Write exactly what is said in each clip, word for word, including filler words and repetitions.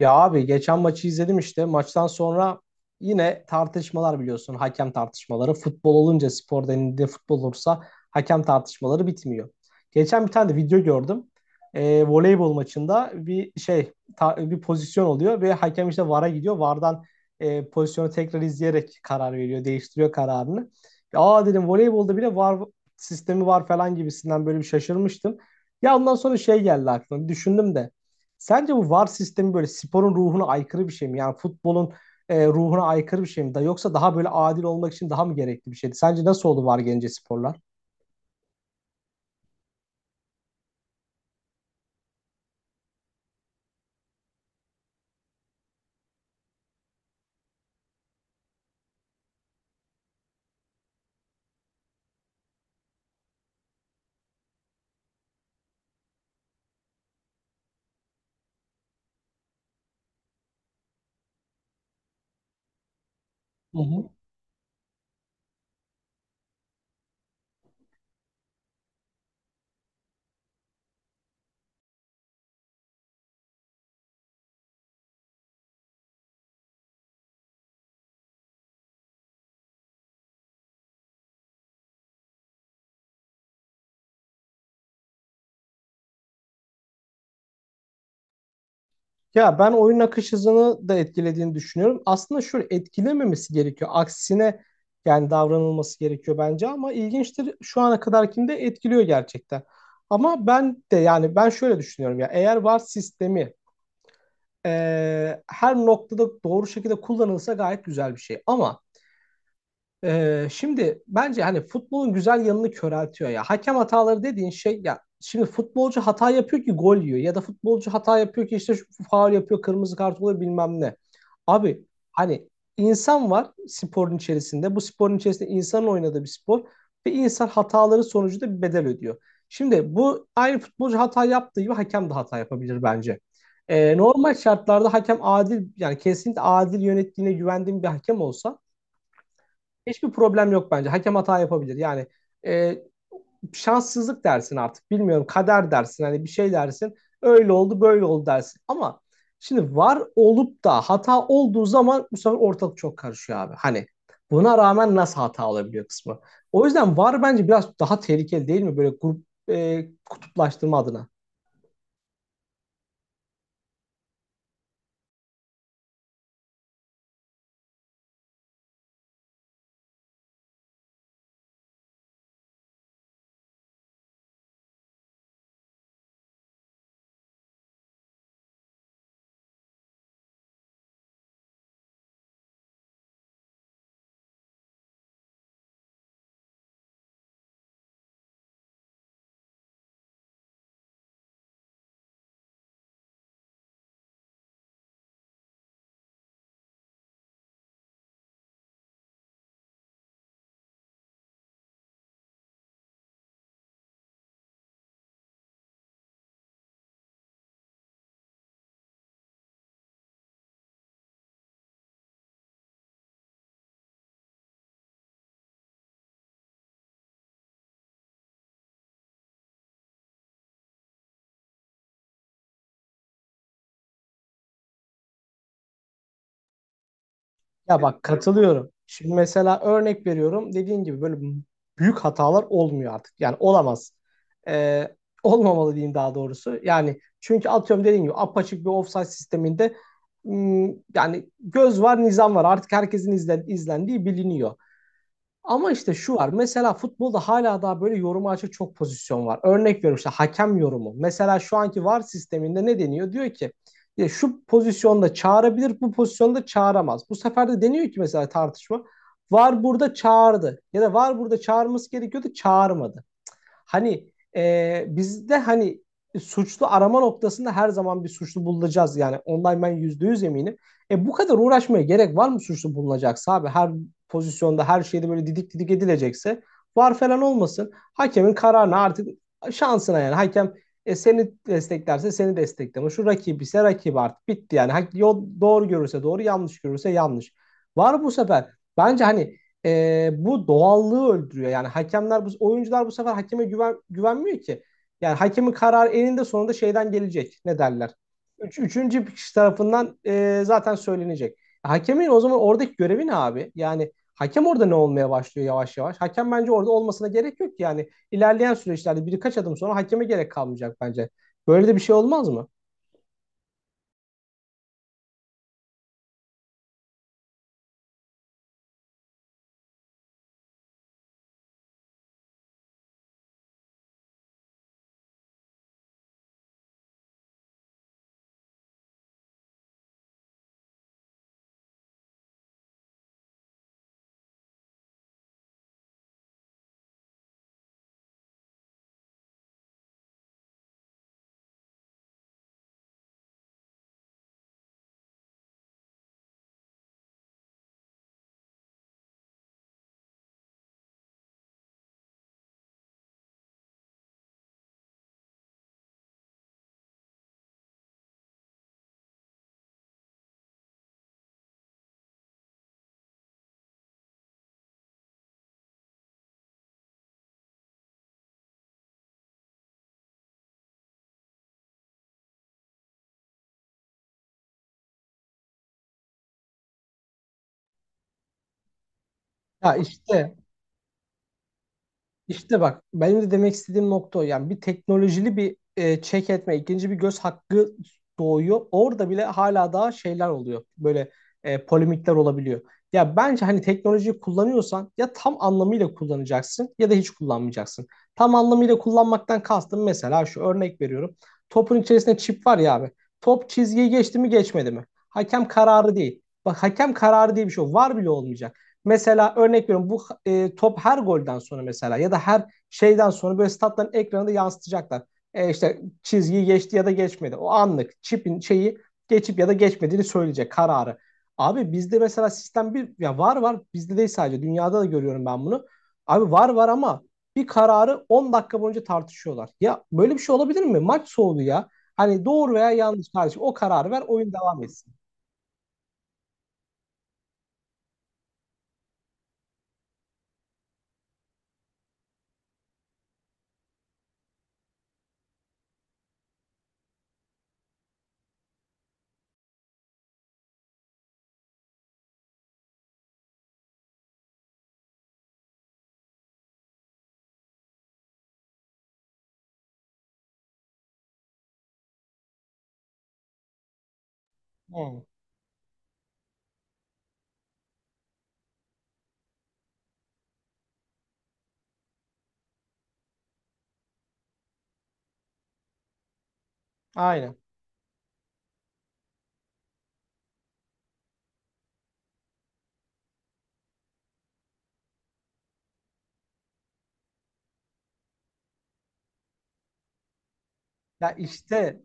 Ya abi geçen maçı izledim işte. Maçtan sonra yine tartışmalar biliyorsun. Hakem tartışmaları. Futbol olunca spor denildiğinde futbol olursa hakem tartışmaları bitmiyor. Geçen bir tane de video gördüm. Ee, voleybol maçında bir şey ta- bir pozisyon oluyor ve hakem işte V A R'a gidiyor. V A R'dan e, pozisyonu tekrar izleyerek karar veriyor. Değiştiriyor kararını. Aa dedim voleybolda bile V A R sistemi var falan gibisinden böyle bir şaşırmıştım. Ya ondan sonra şey geldi aklıma. Bir düşündüm de. Sence bu V A R sistemi böyle sporun ruhuna aykırı bir şey mi? Yani futbolun e, ruhuna aykırı bir şey mi? Da yoksa daha böyle adil olmak için daha mı gerekli bir şeydi? Sence nasıl oldu V A R gelince sporlar? Hı hı. Ya ben oyun akış hızını da etkilediğini düşünüyorum. Aslında şöyle etkilememesi gerekiyor. Aksine yani davranılması gerekiyor bence ama ilginçtir şu ana kadarkinde etkiliyor gerçekten. Ama ben de yani ben şöyle düşünüyorum ya eğer V A R sistemi eee, her noktada doğru şekilde kullanılsa gayet güzel bir şey. Ama Ee, şimdi bence hani futbolun güzel yanını köreltiyor ya. Hakem hataları dediğin şey ya şimdi futbolcu hata yapıyor ki gol yiyor ya da futbolcu hata yapıyor ki işte şu faul yapıyor, kırmızı kart oluyor bilmem ne. Abi hani insan var sporun içerisinde. Bu sporun içerisinde insanın oynadığı bir spor ve insan hataları sonucunda bir bedel ödüyor. Şimdi bu aynı futbolcu hata yaptığı gibi hakem de hata yapabilir bence. Ee, normal şartlarda hakem adil yani kesinlikle adil yönettiğine güvendiğim bir hakem olsa hiçbir problem yok bence. Hakem hata yapabilir. Yani e, şanssızlık dersin artık. Bilmiyorum kader dersin. Hani bir şey dersin. Öyle oldu böyle oldu dersin. Ama şimdi var olup da hata olduğu zaman bu sefer ortalık çok karışıyor abi. Hani buna rağmen nasıl hata olabiliyor kısmı. O yüzden var bence biraz daha tehlikeli değil mi? Böyle grup e, kutuplaştırma adına. Ya bak katılıyorum. Şimdi mesela örnek veriyorum. Dediğin gibi böyle büyük hatalar olmuyor artık. Yani olamaz. Ee, olmamalı diyeyim daha doğrusu. Yani çünkü atıyorum dediğin gibi apaçık bir ofsayt sisteminde hmm, yani göz var nizam var. Artık herkesin izlen, izlendiği biliniyor. Ama işte şu var. Mesela futbolda hala daha böyle yoruma açık çok pozisyon var. Örnek veriyorum işte hakem yorumu. Mesela şu anki V A R sisteminde ne deniyor? Diyor ki ya şu pozisyonda çağırabilir, bu pozisyonda çağıramaz. Bu sefer de deniyor ki mesela tartışma. V A R burada çağırdı ya da V A R burada çağırması gerekiyordu, çağırmadı. Hani e, bizde hani suçlu arama noktasında her zaman bir suçlu bulacağız. Yani ondan ben yüzde yüz eminim. E bu kadar uğraşmaya gerek var mı suçlu bulunacaksa abi? Her pozisyonda her şeyde böyle didik didik edilecekse var falan olmasın. Hakemin kararına artık şansına yani. Hakem e, seni desteklerse seni destekleme. Şu rakip ise rakip artık bitti yani. Yol, doğru görürse doğru yanlış görürse yanlış. Var bu sefer. Bence hani e, bu doğallığı öldürüyor. Yani hakemler bu oyuncular bu sefer hakeme güven, güvenmiyor ki. Yani hakemin kararı eninde sonunda şeyden gelecek. Ne derler? Üç, üçüncü bir kişi tarafından e, zaten söylenecek. Hakemin o zaman oradaki görevi ne abi? Yani hakem orada ne olmaya başlıyor yavaş yavaş? Hakem bence orada olmasına gerek yok ki. Yani ilerleyen süreçlerde birkaç adım sonra hakeme gerek kalmayacak bence. Böyle de bir şey olmaz mı? Ya işte. İşte bak benim de demek istediğim nokta o. Yani bir teknolojili bir e, check etme, ikinci bir göz hakkı doğuyor. Orada bile hala daha şeyler oluyor. Böyle e, polemikler olabiliyor. Ya bence hani teknolojiyi kullanıyorsan ya tam anlamıyla kullanacaksın ya da hiç kullanmayacaksın. Tam anlamıyla kullanmaktan kastım mesela şu örnek veriyorum. Topun içerisinde çip var ya abi. Top çizgiyi geçti mi geçmedi mi? Hakem kararı değil. Bak hakem kararı diye bir şey yok. Var bile olmayacak. Mesela örnek veriyorum bu e, top her golden sonra mesela ya da her şeyden sonra böyle statların ekranında yansıtacaklar. E, işte çizgiyi geçti ya da geçmedi. O anlık çipin şeyi geçip ya da geçmediğini söyleyecek kararı. Abi bizde mesela sistem bir ya var var bizde değil sadece dünyada da görüyorum ben bunu. Abi var var ama bir kararı on dakika boyunca tartışıyorlar. Ya böyle bir şey olabilir mi? Maç soğudu ya. Hani doğru veya yanlış kardeşim o kararı ver oyun devam etsin. Hı, aynen. Ya işte,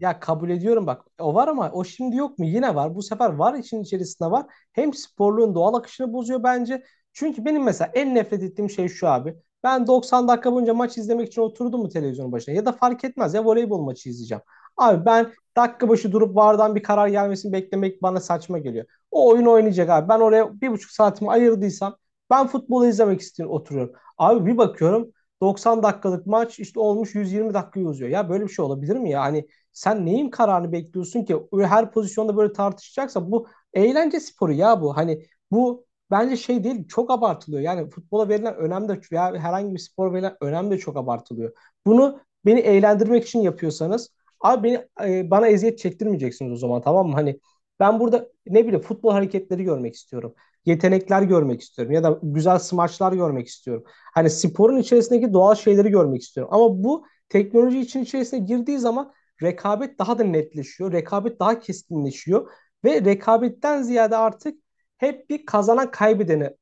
ya kabul ediyorum bak o var ama o şimdi yok mu? Yine var. Bu sefer var için içerisinde var. Hem sporluğun doğal akışını bozuyor bence. Çünkü benim mesela en nefret ettiğim şey şu abi. Ben doksan dakika boyunca maç izlemek için oturdum mu televizyonun başına ya da fark etmez ya voleybol maçı izleyeceğim. Abi ben dakika başı durup V A R'dan bir karar gelmesini beklemek bana saçma geliyor. O oyun oynayacak abi. Ben oraya bir buçuk saatimi ayırdıysam ben futbolu izlemek istiyorum oturuyorum. Abi bir bakıyorum doksan dakikalık maç işte olmuş yüz yirmi dakikayı uzuyor. Ya böyle bir şey olabilir mi ya? Hani sen neyin kararını bekliyorsun ki? Her pozisyonda böyle tartışacaksa bu eğlence sporu ya bu. Hani bu bence şey değil çok abartılıyor. Yani futbola verilen önem de veya herhangi bir spor verilen önem de çok abartılıyor. Bunu beni eğlendirmek için yapıyorsanız abi beni e, bana eziyet çektirmeyeceksiniz o zaman tamam mı? Hani ben burada ne bileyim futbol hareketleri görmek istiyorum. Yetenekler görmek istiyorum ya da güzel smaçlar görmek istiyorum. Hani sporun içerisindeki doğal şeyleri görmek istiyorum. Ama bu teknoloji için içerisine girdiği zaman rekabet daha da netleşiyor. Rekabet daha keskinleşiyor. Ve rekabetten ziyade artık hep bir kazanan kaybedene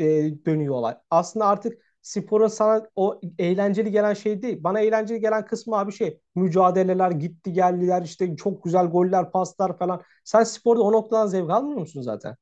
e, dönüyorlar. Aslında artık sporun sana o eğlenceli gelen şey değil. Bana eğlenceli gelen kısmı abi şey mücadeleler, gitti geldiler işte çok güzel goller, paslar falan. Sen sporda o noktadan zevk almıyor musun zaten?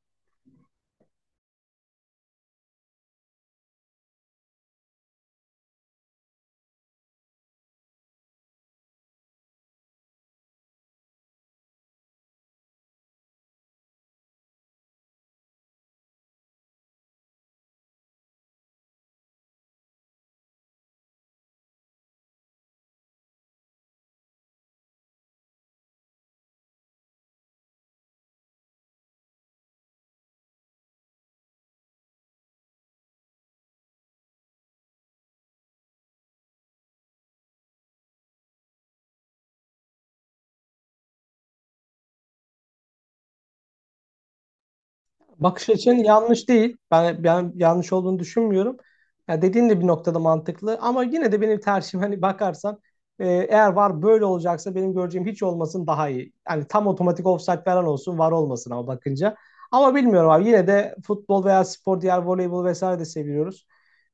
Bakış açın yanlış değil. Ben, ben yanlış olduğunu düşünmüyorum. Ya dediğin de bir noktada mantıklı ama yine de benim tercihim hani bakarsan e, eğer var böyle olacaksa benim göreceğim hiç olmasın daha iyi. Yani tam otomatik offside falan olsun var olmasın ama bakınca. Ama bilmiyorum abi yine de futbol veya spor diğer voleybol vesaire de seviyoruz.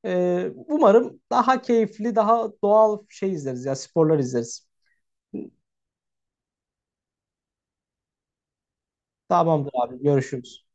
E, umarım daha keyifli daha doğal şey izleriz ya sporlar izleriz. Tamamdır abi görüşürüz.